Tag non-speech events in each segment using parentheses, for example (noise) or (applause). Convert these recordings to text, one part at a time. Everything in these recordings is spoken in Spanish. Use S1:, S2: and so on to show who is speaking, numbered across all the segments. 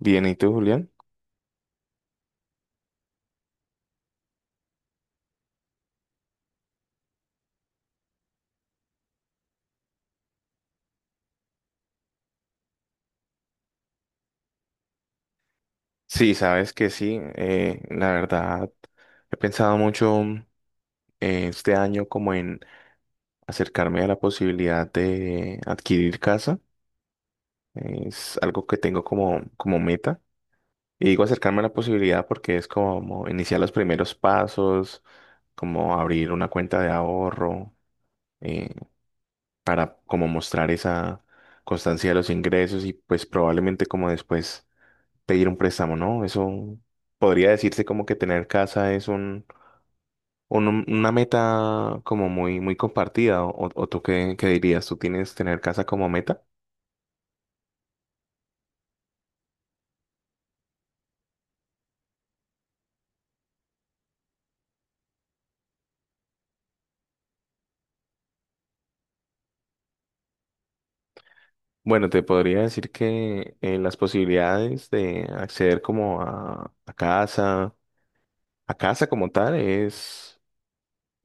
S1: Bien, ¿y tú, Julián? Sí, sabes que sí, la verdad, he pensado mucho este año como en acercarme a la posibilidad de adquirir casa. Es algo que tengo como meta. Y digo acercarme a la posibilidad porque es como iniciar los primeros pasos, como abrir una cuenta de ahorro, eh, para como mostrar esa constancia de los ingresos y pues probablemente como después. Pedir un préstamo, ¿no? Eso podría decirse como que tener casa es una meta como muy, muy compartida. O tú qué dirías? ¿Tú tienes tener casa como meta? Bueno, te podría decir que las posibilidades de acceder como a casa como tal es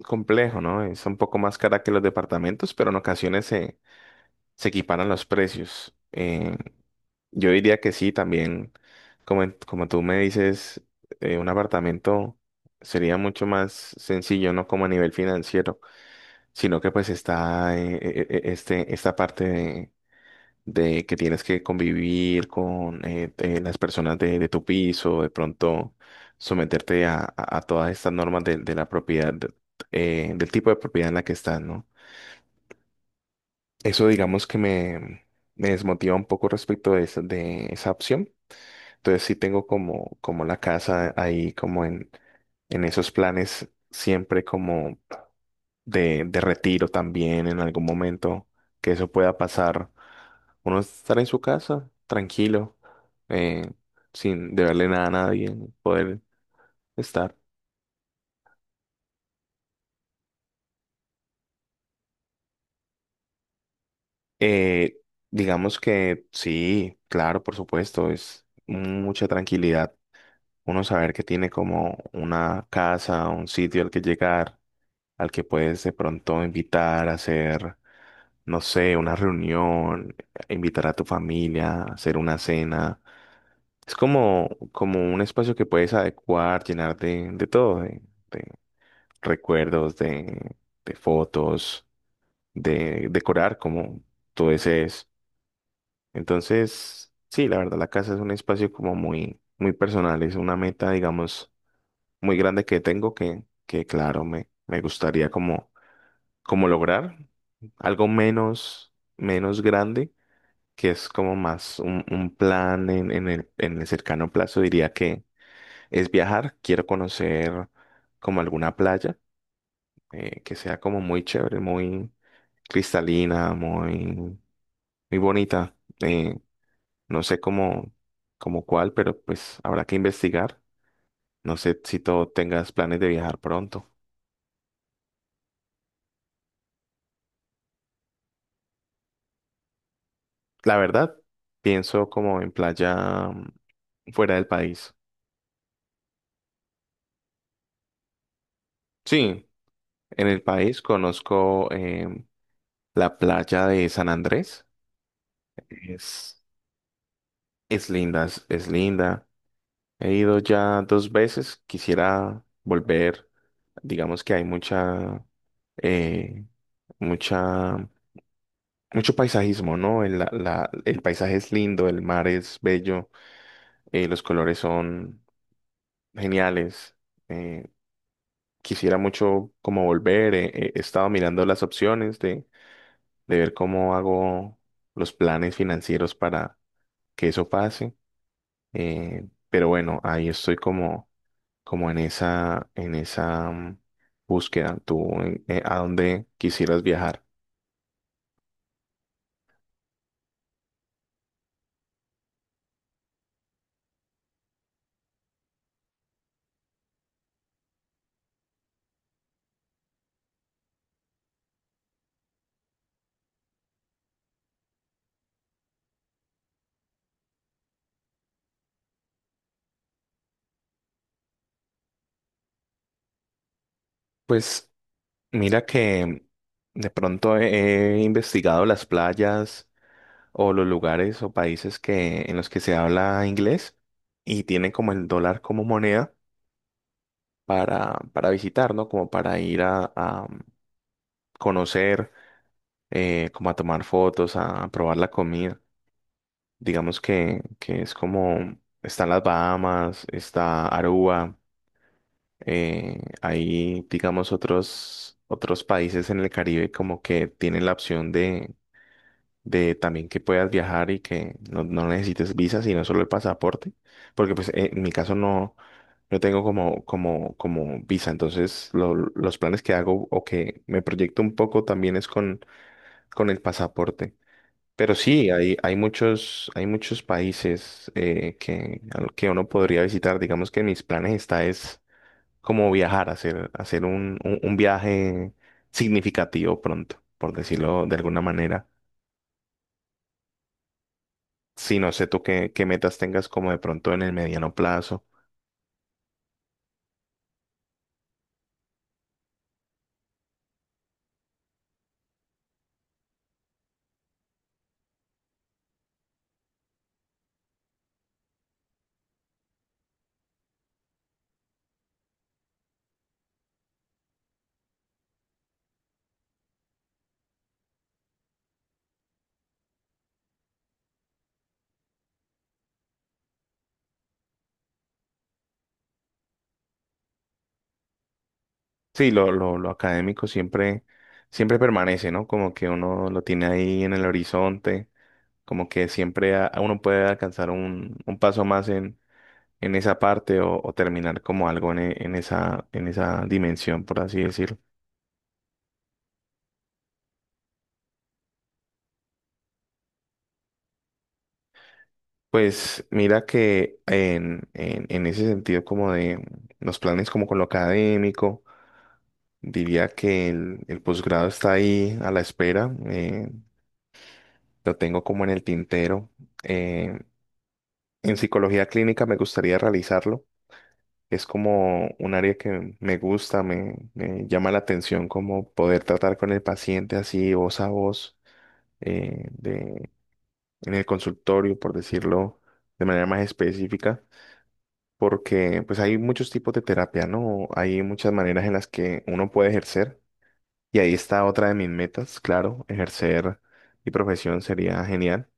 S1: complejo, ¿no? Es un poco más cara que los departamentos, pero en ocasiones se equiparan los precios. Yo diría que sí, también, como, como tú me dices, un apartamento sería mucho más sencillo, no como a nivel financiero, sino que pues está esta parte de que tienes que convivir con las personas de tu piso, de pronto someterte a todas estas normas de la propiedad, del tipo de propiedad en la que estás, ¿no? Eso digamos que me desmotiva un poco respecto de esa opción. Entonces sí tengo como, como la casa ahí en esos planes siempre como de retiro también en algún momento que eso pueda pasar. Uno estar en su casa tranquilo, eh, sin deberle nada a nadie, poder estar. Eh, digamos que sí, claro, por supuesto, es mucha tranquilidad. Uno saber que tiene como una casa, un sitio al que llegar al que puedes de pronto invitar a hacer, no sé, una reunión, invitar a tu familia, hacer una cena. Es como, como un espacio que puedes adecuar, llenar de todo, de recuerdos, de fotos, de decorar como tú desees. Entonces, sí, la verdad, la casa es un espacio como muy, muy personal, es una meta, digamos, muy grande que tengo que claro, me gustaría como lograr algo menos, menos grande, que es como más un plan en en el cercano plazo, diría que es viajar. Quiero conocer como alguna playa que sea como muy chévere, muy cristalina, muy, muy bonita. Eh, no sé cómo, cómo cuál, pero pues habrá que investigar. No sé si tú tengas planes de viajar pronto. La verdad, pienso como en playa fuera del país. Sí, en el país conozco la playa de San Andrés. Es, es linda, es linda. He ido ya dos veces, quisiera volver. Digamos que hay mucha, eh, mucha, mucho paisajismo, ¿no? El paisaje es lindo, el mar es bello, los colores son geniales. Eh, quisiera mucho como volver. He estado mirando las opciones de ver cómo hago los planes financieros para que eso pase. Pero bueno, ahí estoy como, como en esa búsqueda. ¿Tú a dónde quisieras viajar? Pues mira que de pronto he investigado las playas o los lugares o países que, en los que se habla inglés y tienen como el dólar como moneda para visitar, ¿no? Como para ir a conocer. Como a tomar fotos, a probar la comida. Digamos que es como, están las Bahamas, está Aruba, hay, digamos, otros, otros países en el Caribe como que tienen la opción de también que puedas viajar y que no, no necesites visa, sino solo el pasaporte, porque pues en mi caso no, no tengo como visa, entonces los planes que hago o que me proyecto un poco también es con el pasaporte. Pero sí, hay, hay muchos países que, a lo que uno podría visitar. Digamos que en mis planes está es como viajar, hacer, hacer un viaje significativo pronto, por decirlo de alguna manera. Sí, no sé tú qué, qué metas tengas como de pronto en el mediano plazo. Sí, lo académico siempre, siempre permanece, ¿no? Como que uno lo tiene ahí en el horizonte, como que siempre uno puede alcanzar un paso más en esa parte o terminar como algo en, en esa dimensión, por así decirlo. Pues mira que en ese sentido como de los planes como con lo académico, diría que el posgrado está ahí a la espera, lo tengo como en el tintero. Eh, en psicología clínica me gustaría realizarlo. Es como un área que me gusta, me llama la atención como poder tratar con el paciente así voz a voz eh, en el consultorio, por decirlo de manera más específica, porque pues hay muchos tipos de terapia, ¿no? Hay muchas maneras en las que uno puede ejercer y ahí está otra de mis metas, claro, ejercer mi profesión sería genial.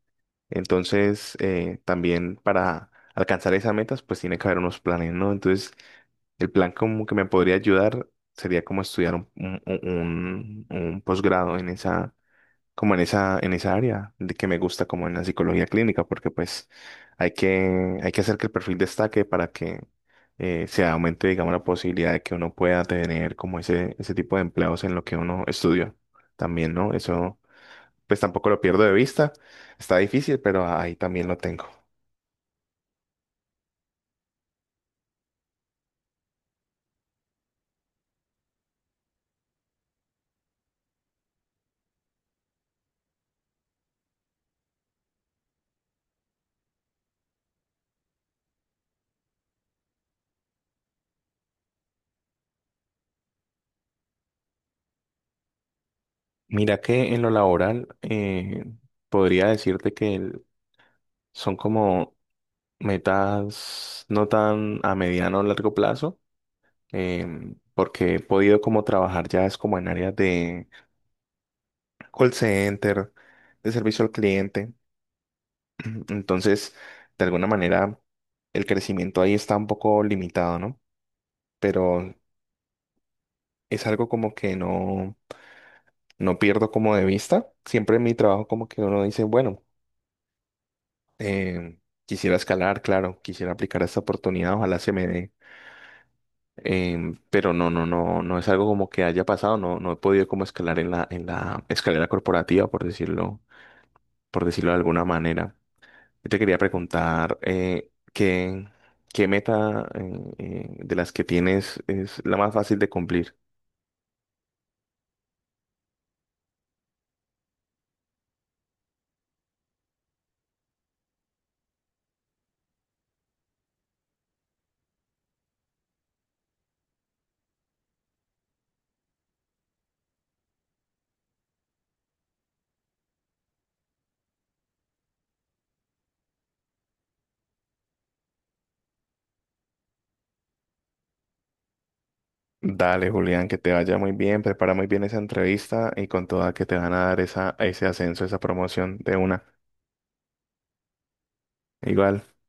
S1: Entonces, también para alcanzar esas metas, pues tiene que haber unos planes, ¿no? Entonces, el plan como que me podría ayudar sería como estudiar un, un posgrado en esa como en esa área de que me gusta como en la psicología clínica, porque pues hay que hacer que el perfil destaque para que se aumente, digamos, la posibilidad de que uno pueda tener como ese tipo de empleados en lo que uno estudia también, ¿no? Eso pues tampoco lo pierdo de vista, está difícil, pero ahí también lo tengo. Mira que en lo laboral podría decirte que son como metas no tan a mediano o largo plazo porque he podido como trabajar ya es como en áreas de call center, de servicio al cliente. (clears throat) Entonces, de alguna manera, el crecimiento ahí está un poco limitado, ¿no? Pero es algo como que no, no pierdo como de vista. Siempre en mi trabajo como que uno dice, bueno, em, quisiera escalar, claro, quisiera aplicar esta oportunidad, ojalá se me dé. Pero no, no, no, no es algo como que haya pasado, no, no he podido como escalar en la escalera corporativa, por decirlo de alguna manera. Yo te quería preguntar ¿qué, qué meta de las que tienes es la más fácil de cumplir? Dale, Julián, que te vaya muy bien, prepara muy bien esa entrevista y con toda que te van a dar esa, ese ascenso, esa promoción de una. Igual.